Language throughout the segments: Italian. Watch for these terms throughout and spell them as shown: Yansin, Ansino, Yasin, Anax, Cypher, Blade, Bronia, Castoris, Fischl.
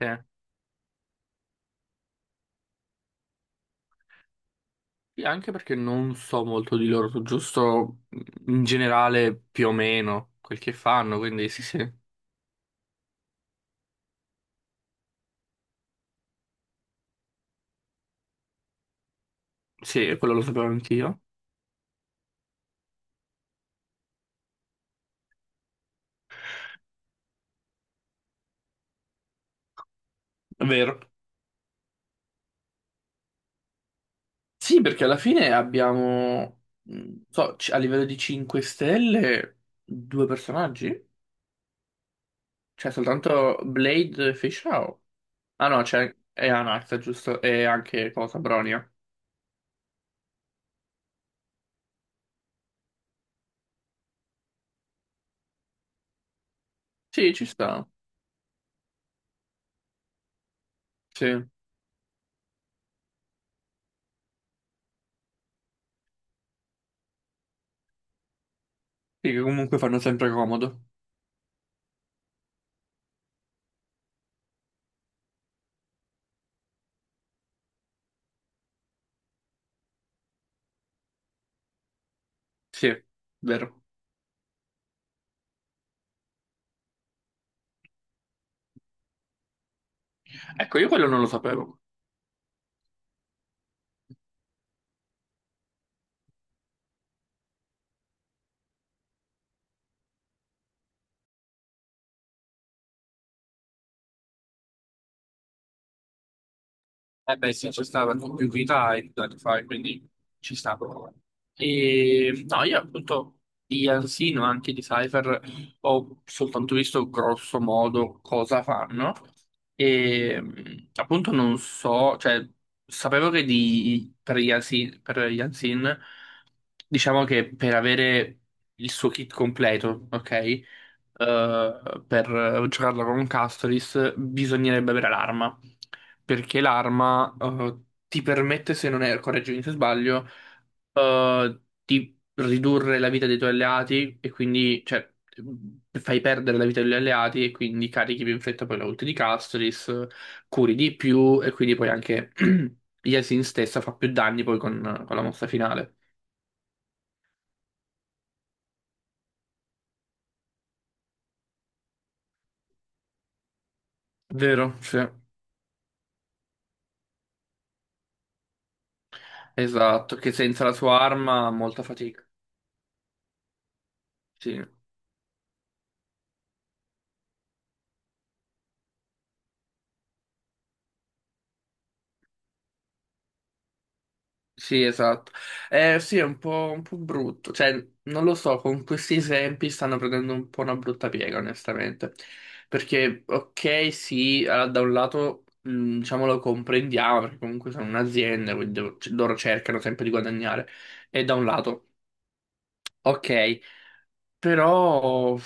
Sì, anche perché non so molto di loro, so giusto in generale più o meno quel che fanno, quindi sì, sì, sì, quello lo sapevo anch'io. È vero. Sì, perché alla fine abbiamo, so, a livello di 5 stelle, due personaggi? Cioè, soltanto Blade e Fischl. Ah no, c'è e Anax, giusto? E anche cosa, Bronia. Sì, ci sta. Sì. Sì, che comunque fanno sempre comodo. Sì, vero. Ecco, io quello non lo sapevo. Eh beh sì, c'è stata più vita e tanti anni fa, quindi ci sta. E no, io appunto di Ansino, anche di Cypher, ho soltanto visto grosso modo cosa fanno e appunto non so, cioè sapevo che per Yansin, diciamo che per avere il suo kit completo, ok? Per giocarlo con Castoris bisognerebbe avere l'arma, perché l'arma ti permette, se non erro, correggimi se sbaglio, di ridurre la vita dei tuoi alleati e quindi, cioè, fai perdere la vita degli alleati e quindi carichi più in fretta poi la ult di Castris, curi di più e quindi poi anche Yasin stessa fa più danni poi con la mossa finale. Vero, sì. Esatto, che senza la sua arma molta fatica. Sì. Sì, esatto. Sì, è un po' brutto. Cioè, non lo so, con questi esempi stanno prendendo un po' una brutta piega, onestamente. Perché, ok, sì, allora, da un lato, diciamo, lo comprendiamo, perché comunque sono un'azienda, quindi loro cercano sempre di guadagnare. E da un lato, ok, però...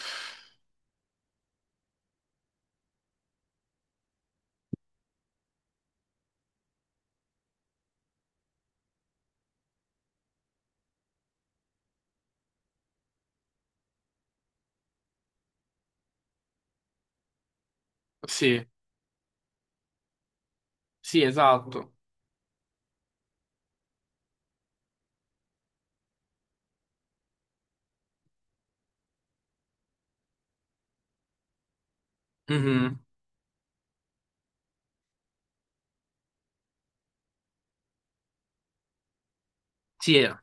Sì, sì, esatto. Mhm. Sì, eh.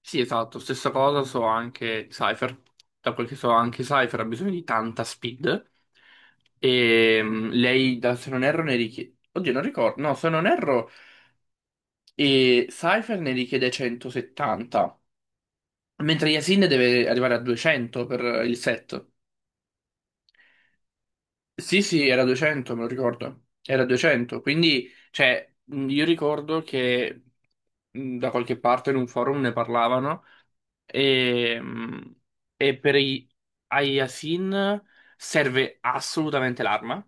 Sì, esatto, stessa cosa so anche Cypher. Da quel che so anche Cypher ha bisogno di tanta speed. E lei, se non erro, ne richiede... Oddio, non ricordo. No, se non erro, e Cypher ne richiede 170. Mentre Yasin deve arrivare a 200 per il set. Sì, sì, era 200, me lo ricordo. Era 200, quindi, cioè, io ricordo che da qualche parte in un forum ne parlavano e, mh, e per i Ayasin serve assolutamente l'arma,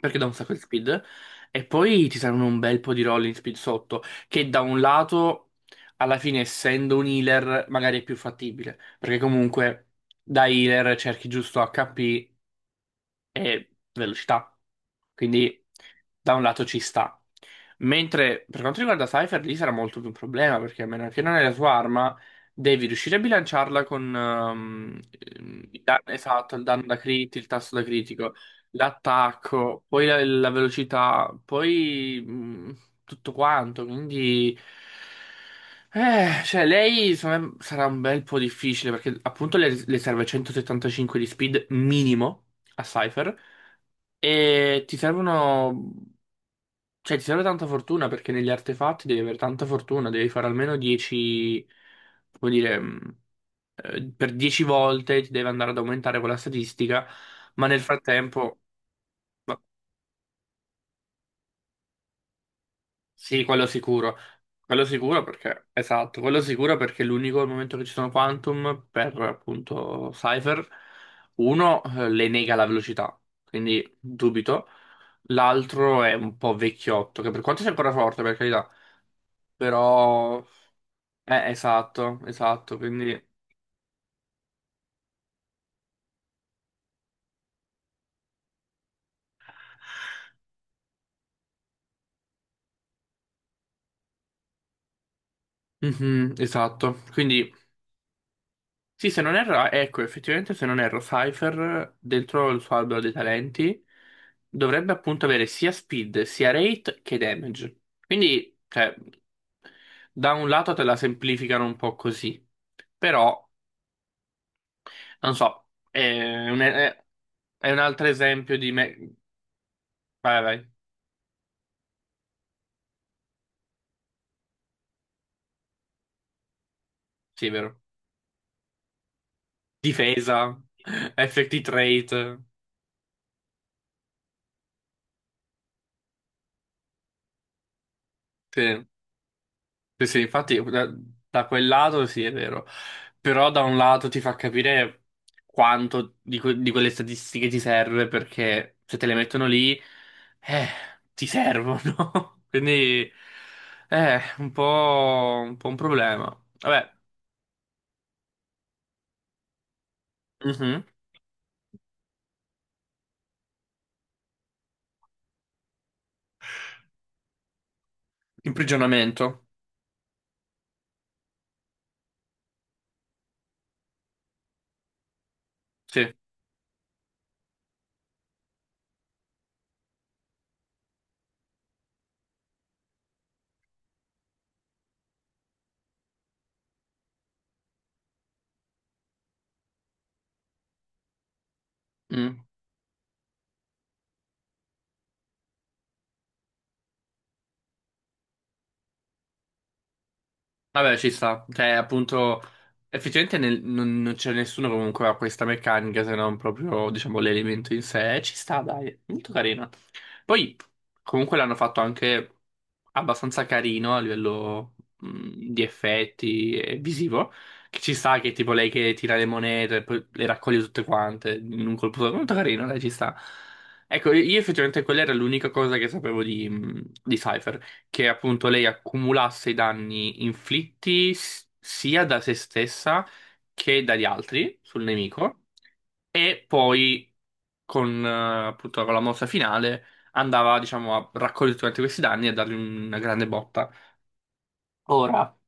perché dà un sacco di speed, e poi ti servono un bel po' di rolling speed sotto, che da un lato, alla fine, essendo un healer, magari è più fattibile, perché comunque da healer cerchi giusto HP e velocità. Quindi da un lato ci sta. Mentre per quanto riguarda Cypher, lì sarà molto più un problema perché a meno che non hai la sua arma, devi riuscire a bilanciarla con il danno esatto, il danno da crit, il tasso da critico, l'attacco, poi la velocità, poi tutto quanto, quindi... cioè, lei secondo me, sarà un bel po' difficile perché appunto le serve 175 di speed minimo a Cypher e ti servono... Cioè, ti serve tanta fortuna perché negli artefatti devi avere tanta fortuna, devi fare almeno 10... come dire... per 10 volte ti deve andare ad aumentare quella statistica, ma nel frattempo... Sì, quello sicuro. Quello sicuro perché, esatto, quello sicuro perché è l'unico momento che ci sono Quantum per appunto Cypher, uno le nega la velocità, quindi dubito. L'altro è un po' vecchiotto, che per quanto sia ancora forte, per carità, però... esatto, esatto, quindi... Mhm, esatto, quindi sì, se non erro, ah, ecco, effettivamente se non erro, Cypher dentro il suo albero dei talenti dovrebbe appunto avere sia speed, sia rate che damage. Quindi, cioè, da un lato te la semplificano un po' così, però, non so, è un, è un altro esempio di me... Vai, vai, sì, è vero. Difesa, effective rate, sì. Sì, sì, infatti da, da quel lato sì, è vero, però da un lato ti fa capire quanto di, di quelle statistiche ti serve perché se te le mettono lì, eh, ti servono. Quindi è un po', un po' un problema. Vabbè, mhm. Imprigionamento, sì. Mm. Vabbè, ci sta. Cioè, appunto, effettivamente non c'è nessuno comunque che ha questa meccanica se non proprio, diciamo, l'elemento in sé. Ci sta, dai. Molto carina. Poi, comunque l'hanno fatto anche abbastanza carino a livello di effetti e visivo. Che ci sta che tipo lei che tira le monete e poi le raccoglie tutte quante in un colpo solo. Molto carino, dai, ci sta. Ecco, io effettivamente quella era l'unica cosa che sapevo di Cypher, che appunto lei accumulasse i danni inflitti sia da se stessa che dagli altri sul nemico, e poi con appunto con la mossa finale andava diciamo a raccogliere tutti questi danni e dargli una grande botta. Ora,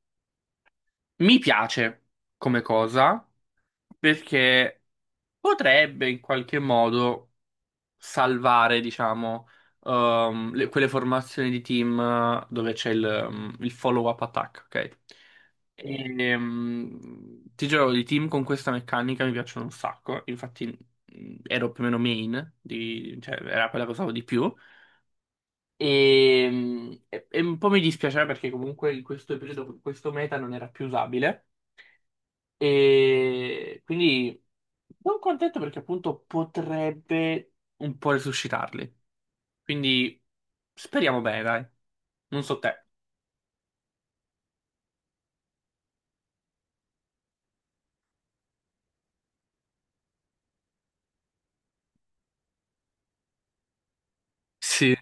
mi piace come cosa perché potrebbe in qualche modo salvare, diciamo, quelle formazioni di team, dove c'è il follow-up attack, ok? E, ti giuro, i team con questa meccanica mi piacciono un sacco, infatti ero più o meno main, cioè era quella che usavo di più. E, e un po' mi dispiaceva perché comunque in questo periodo questo meta non era più usabile e quindi non contento perché appunto potrebbe un po' resuscitarli. Quindi speriamo bene, dai. Non so te. Sì,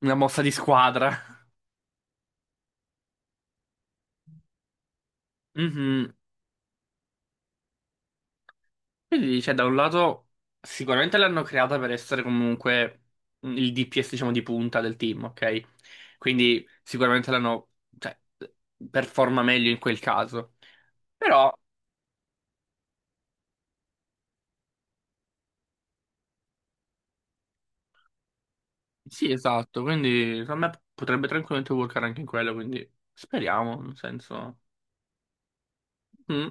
una mossa di squadra. Mhm. Quindi, cioè, da un lato, sicuramente l'hanno creata per essere comunque il DPS, diciamo, di punta del team, ok? Quindi sicuramente l'hanno, cioè, performa meglio in quel caso. Però, sì, esatto, quindi secondo me potrebbe tranquillamente workare anche in quello, quindi speriamo, nel senso... Mm.